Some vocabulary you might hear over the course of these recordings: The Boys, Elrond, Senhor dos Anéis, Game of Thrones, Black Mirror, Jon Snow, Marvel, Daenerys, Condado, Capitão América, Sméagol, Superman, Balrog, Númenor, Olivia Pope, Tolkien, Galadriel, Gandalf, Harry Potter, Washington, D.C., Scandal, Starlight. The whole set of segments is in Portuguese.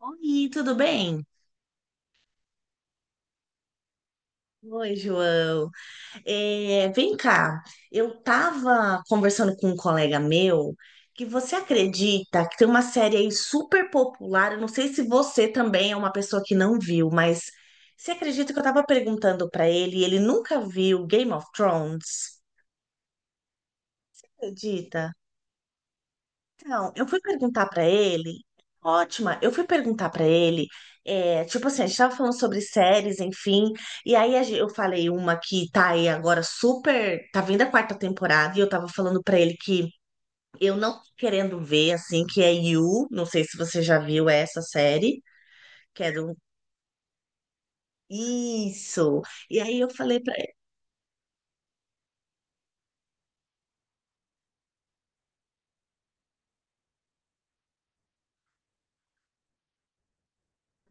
Oi, tudo bem? Oi, João. É, vem cá, eu estava conversando com um colega meu que você acredita que tem uma série aí super popular. Eu não sei se você também é uma pessoa que não viu, mas você acredita que eu estava perguntando para ele e ele nunca viu Game of Thrones? Acredita? Então, eu fui perguntar pra ele. Ótima, eu fui perguntar pra ele, é, tipo assim, a gente tava falando sobre séries, enfim, e aí eu falei uma que tá aí agora super, tá vindo a quarta temporada, e eu tava falando pra ele que eu não tô querendo ver, assim, que é You, não sei se você já viu essa série, que é do... Isso! E aí eu falei pra.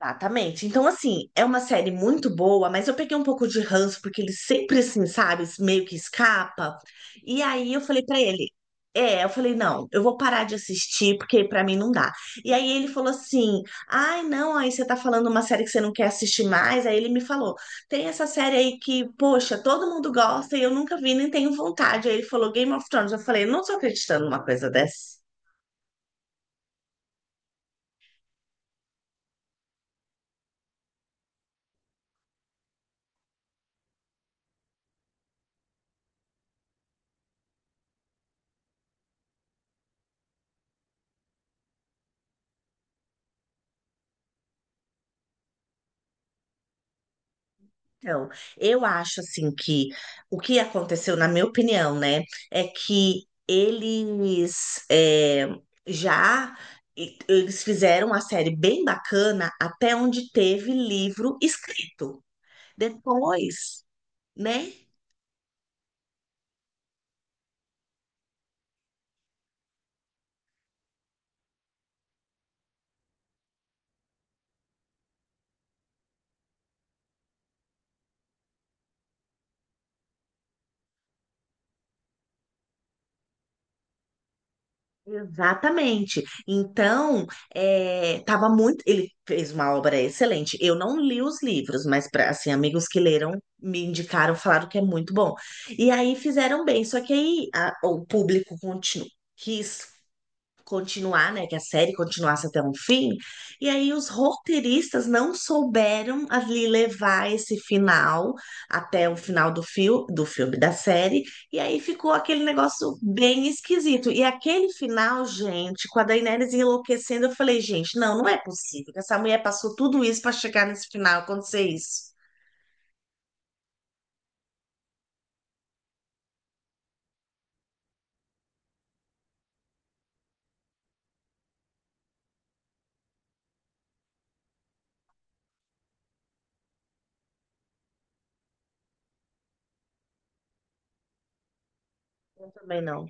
Exatamente. Então, assim, é uma série muito boa, mas eu peguei um pouco de ranço, porque ele sempre, assim, sabe, meio que escapa. E aí eu falei pra ele, é, eu falei, não, eu vou parar de assistir, porque pra mim não dá. E aí ele falou assim, ai, não, aí você tá falando uma série que você não quer assistir mais. Aí ele me falou, tem essa série aí que, poxa, todo mundo gosta e eu nunca vi, nem tenho vontade. Aí ele falou Game of Thrones. Eu falei, não tô acreditando numa coisa dessa. Então, eu acho assim que o que aconteceu, na minha opinião, né, é que eles é, já eles fizeram uma série bem bacana até onde teve livro escrito. Depois, né? Exatamente. Então, é, tava muito. Ele fez uma obra excelente. Eu não li os livros, mas pra, assim, amigos que leram me indicaram, falaram que é muito bom. E aí fizeram bem. Só que aí o público quis continuar, né, que a série continuasse até um fim, e aí os roteiristas não souberam ali levar esse final até o final do fio, do filme da série, e aí ficou aquele negócio bem esquisito. E aquele final, gente, com a Daenerys enlouquecendo, eu falei, gente, não, não é possível que essa mulher passou tudo isso para chegar nesse final, acontecer isso. Eu também não.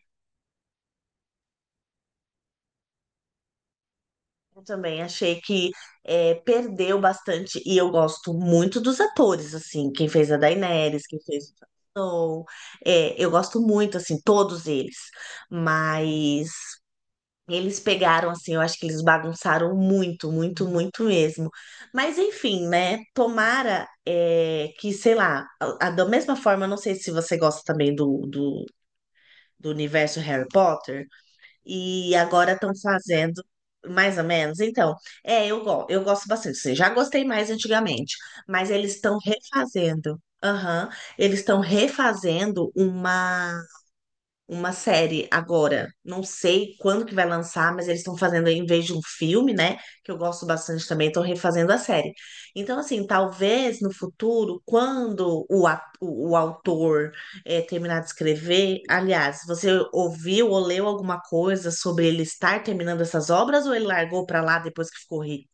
Eu também achei que é, perdeu bastante, e eu gosto muito dos atores, assim, quem fez a Daenerys, quem fez o Jon Snow, é, eu gosto muito, assim, todos eles, mas eles pegaram, assim, eu acho que eles bagunçaram muito, muito, muito mesmo. Mas enfim, né, tomara é, que, sei lá, da mesma forma, eu não sei se você gosta também do universo Harry Potter, e agora estão fazendo mais ou menos. Então, é, eu gosto bastante. Assim, já gostei mais antigamente, mas eles estão refazendo. Aham, eles estão refazendo uma série agora. Não sei quando que vai lançar, mas eles estão fazendo em vez de um filme, né? Que eu gosto bastante também, estão refazendo a série. Então, assim, talvez no futuro, quando o autor terminar de escrever, aliás, você ouviu ou leu alguma coisa sobre ele estar terminando essas obras ou ele largou pra lá depois que ficou rico?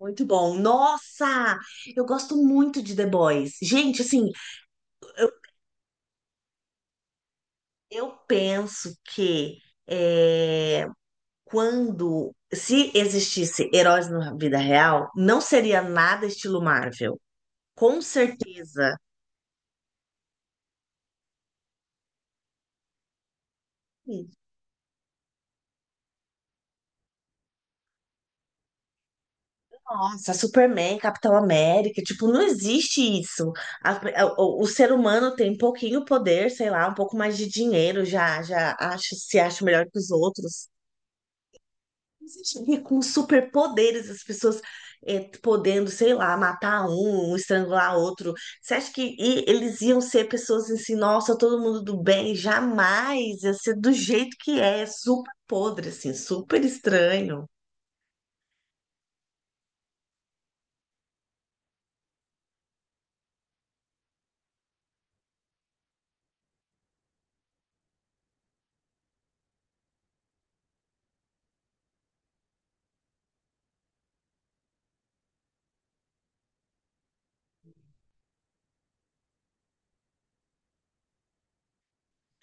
Muito bom. Nossa, eu gosto muito de The Boys. Gente, assim, eu penso que quando, se existisse heróis na vida real, não seria nada estilo Marvel. Com certeza. Nossa, Superman, Capitão América, tipo, não existe isso. A- o ser humano tem um pouquinho poder, sei lá, um pouco mais de dinheiro, já, já acha, se acha melhor que os outros. Existiria com superpoderes, as pessoas é, podendo, sei lá, matar um, um, estrangular outro. Você acha que eles iam ser pessoas assim, nossa, todo mundo do bem? Jamais, ia ser do jeito que é, é super podre, assim, super estranho.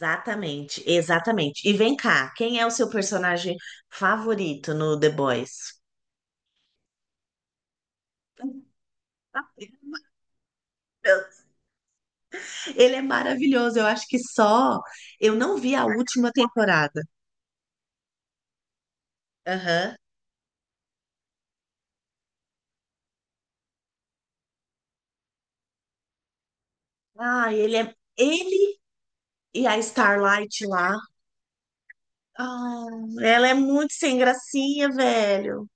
Exatamente, exatamente. E vem cá, quem é o seu personagem favorito no The Boys? Ele é maravilhoso, eu acho que só. Eu não vi a última temporada. Aham. Ah, ele é. Ele. E a Starlight lá. Ah, ela é muito sem gracinha, velho.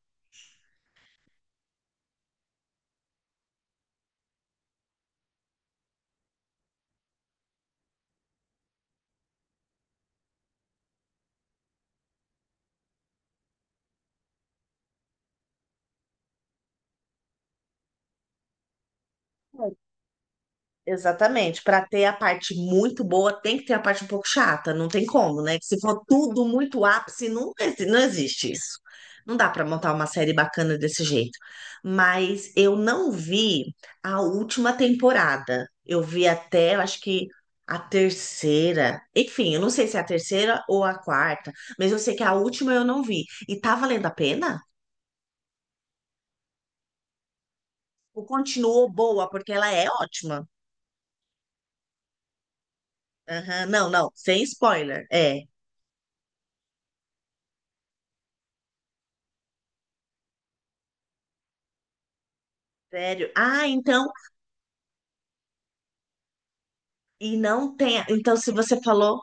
Exatamente. Para ter a parte muito boa, tem que ter a parte um pouco chata. Não tem como, né? Se for tudo muito ápice, não, não existe isso. Não dá para montar uma série bacana desse jeito. Mas eu não vi a última temporada. Eu vi até, eu acho que a terceira. Enfim, eu não sei se é a terceira ou a quarta, mas eu sei que a última eu não vi. E tá valendo a pena? O continuou boa, porque ela é ótima. Aham, não, não, sem spoiler. É, sério. Ah, então, e não tem. Então, se você falou,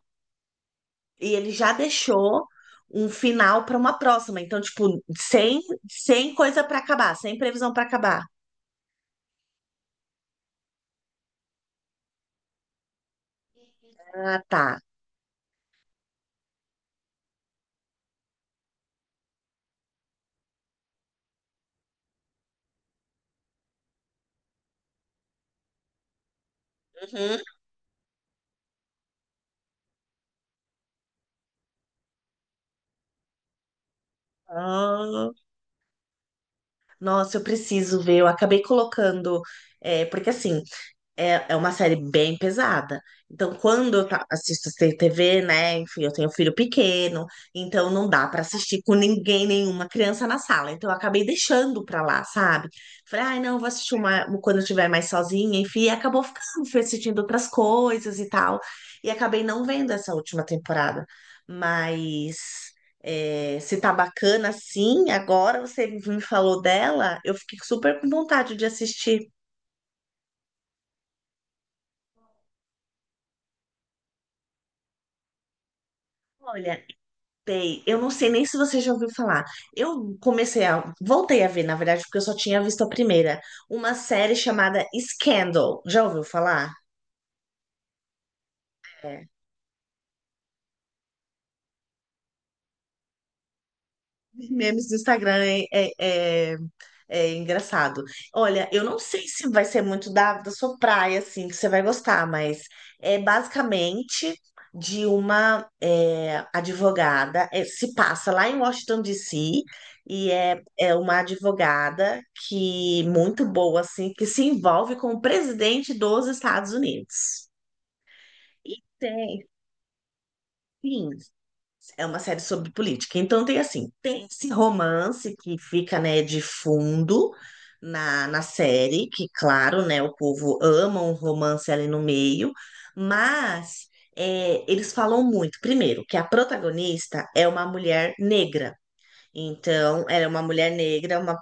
e ele já deixou um final para uma próxima. Então, tipo, sem, sem coisa para acabar, sem previsão para acabar. Ah, tá. Uhum. Ah, nossa, eu preciso ver. Eu acabei colocando. É, porque assim, é, é uma série bem pesada. Então, quando eu assisto sem TV, né? Enfim, eu tenho filho pequeno, então não dá pra assistir com ninguém, nenhuma criança na sala. Então, eu acabei deixando pra lá, sabe? Falei, ai, não, eu vou assistir uma quando eu estiver mais sozinha, enfim, e acabou ficando, fui assistindo outras coisas e tal. E acabei não vendo essa última temporada. Mas é, se tá bacana assim, agora você me falou dela, eu fiquei super com vontade de assistir. Olha, tem. Eu não sei nem se você já ouviu falar. Eu comecei a. Voltei a ver, na verdade, porque eu só tinha visto a primeira. Uma série chamada Scandal. Já ouviu falar? É. Memes do Instagram é, é engraçado. Olha, eu não sei se vai ser muito da sua praia, assim, que você vai gostar, mas é basicamente de uma advogada, se passa lá em Washington, D.C., e é uma advogada que muito boa, assim, que se envolve com o presidente dos Estados Unidos. E tem, sim, é uma série sobre política. Então tem assim, tem esse romance que fica, né, de fundo na série, que claro, né, o povo ama um romance ali no meio, mas é, eles falam muito, primeiro, que a protagonista é uma mulher negra. Então, ela é uma mulher negra, uma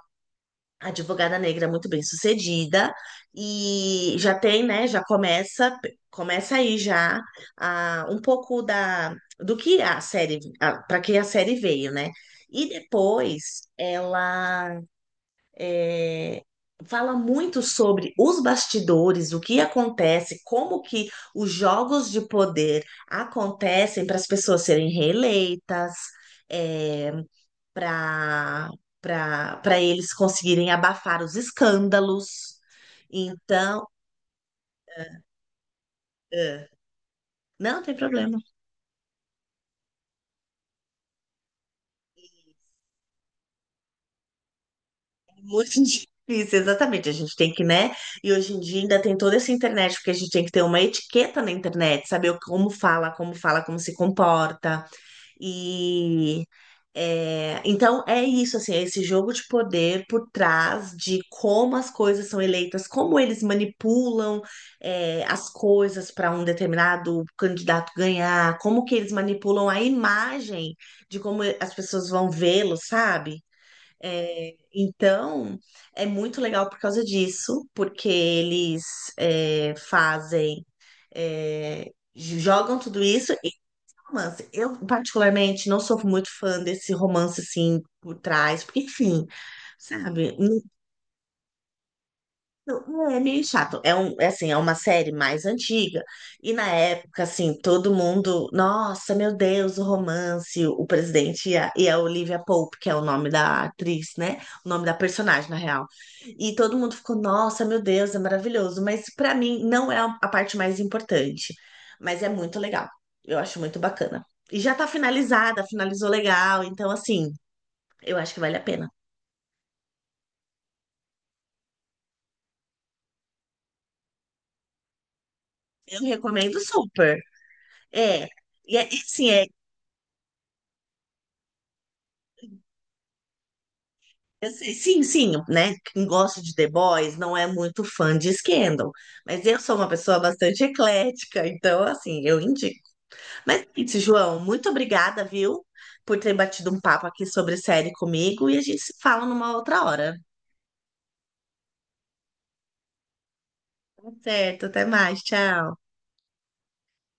a advogada negra muito bem sucedida e já tem, né, já começa, começa aí já um pouco da do que a série, para que a série veio, né? E depois ela eh, fala muito sobre os bastidores, o que acontece, como que os jogos de poder acontecem para as pessoas serem reeleitas. É, para para eles conseguirem abafar os escândalos. Então, é, não tem problema. Muito difícil, exatamente. A gente tem que, né? E hoje em dia ainda tem toda essa internet, porque a gente tem que ter uma etiqueta na internet, saber como fala, como se comporta. E é, então é isso, assim, é esse jogo de poder por trás de como as coisas são eleitas, como eles manipulam é, as coisas para um determinado candidato ganhar, como que eles manipulam a imagem de como as pessoas vão vê-lo, sabe? É, então é muito legal por causa disso, porque eles é, fazem. É, jogam tudo isso romance. Eu, particularmente, não sou muito fã desse romance assim por trás, porque, enfim, sabe? Não, é meio chato. É um, é assim, é uma série mais antiga. E na época, assim, todo mundo, nossa, meu Deus, o romance, o presidente e a Olivia Pope, que é o nome da atriz, né? O nome da personagem, na real. E todo mundo ficou, nossa, meu Deus, é maravilhoso. Mas pra mim não é a parte mais importante. Mas é muito legal. Eu acho muito bacana. E já tá finalizada, finalizou legal. Então, assim, eu acho que vale a pena. Eu recomendo super. É. E é, assim, eu sei, sim, sim, né? Quem gosta de The Boys não é muito fã de Scandal, mas eu sou uma pessoa bastante eclética, então, assim, eu indico. Mas é isso, João, muito obrigada, viu, por ter batido um papo aqui sobre série comigo e a gente se fala numa outra hora. Tá certo, até mais, tchau.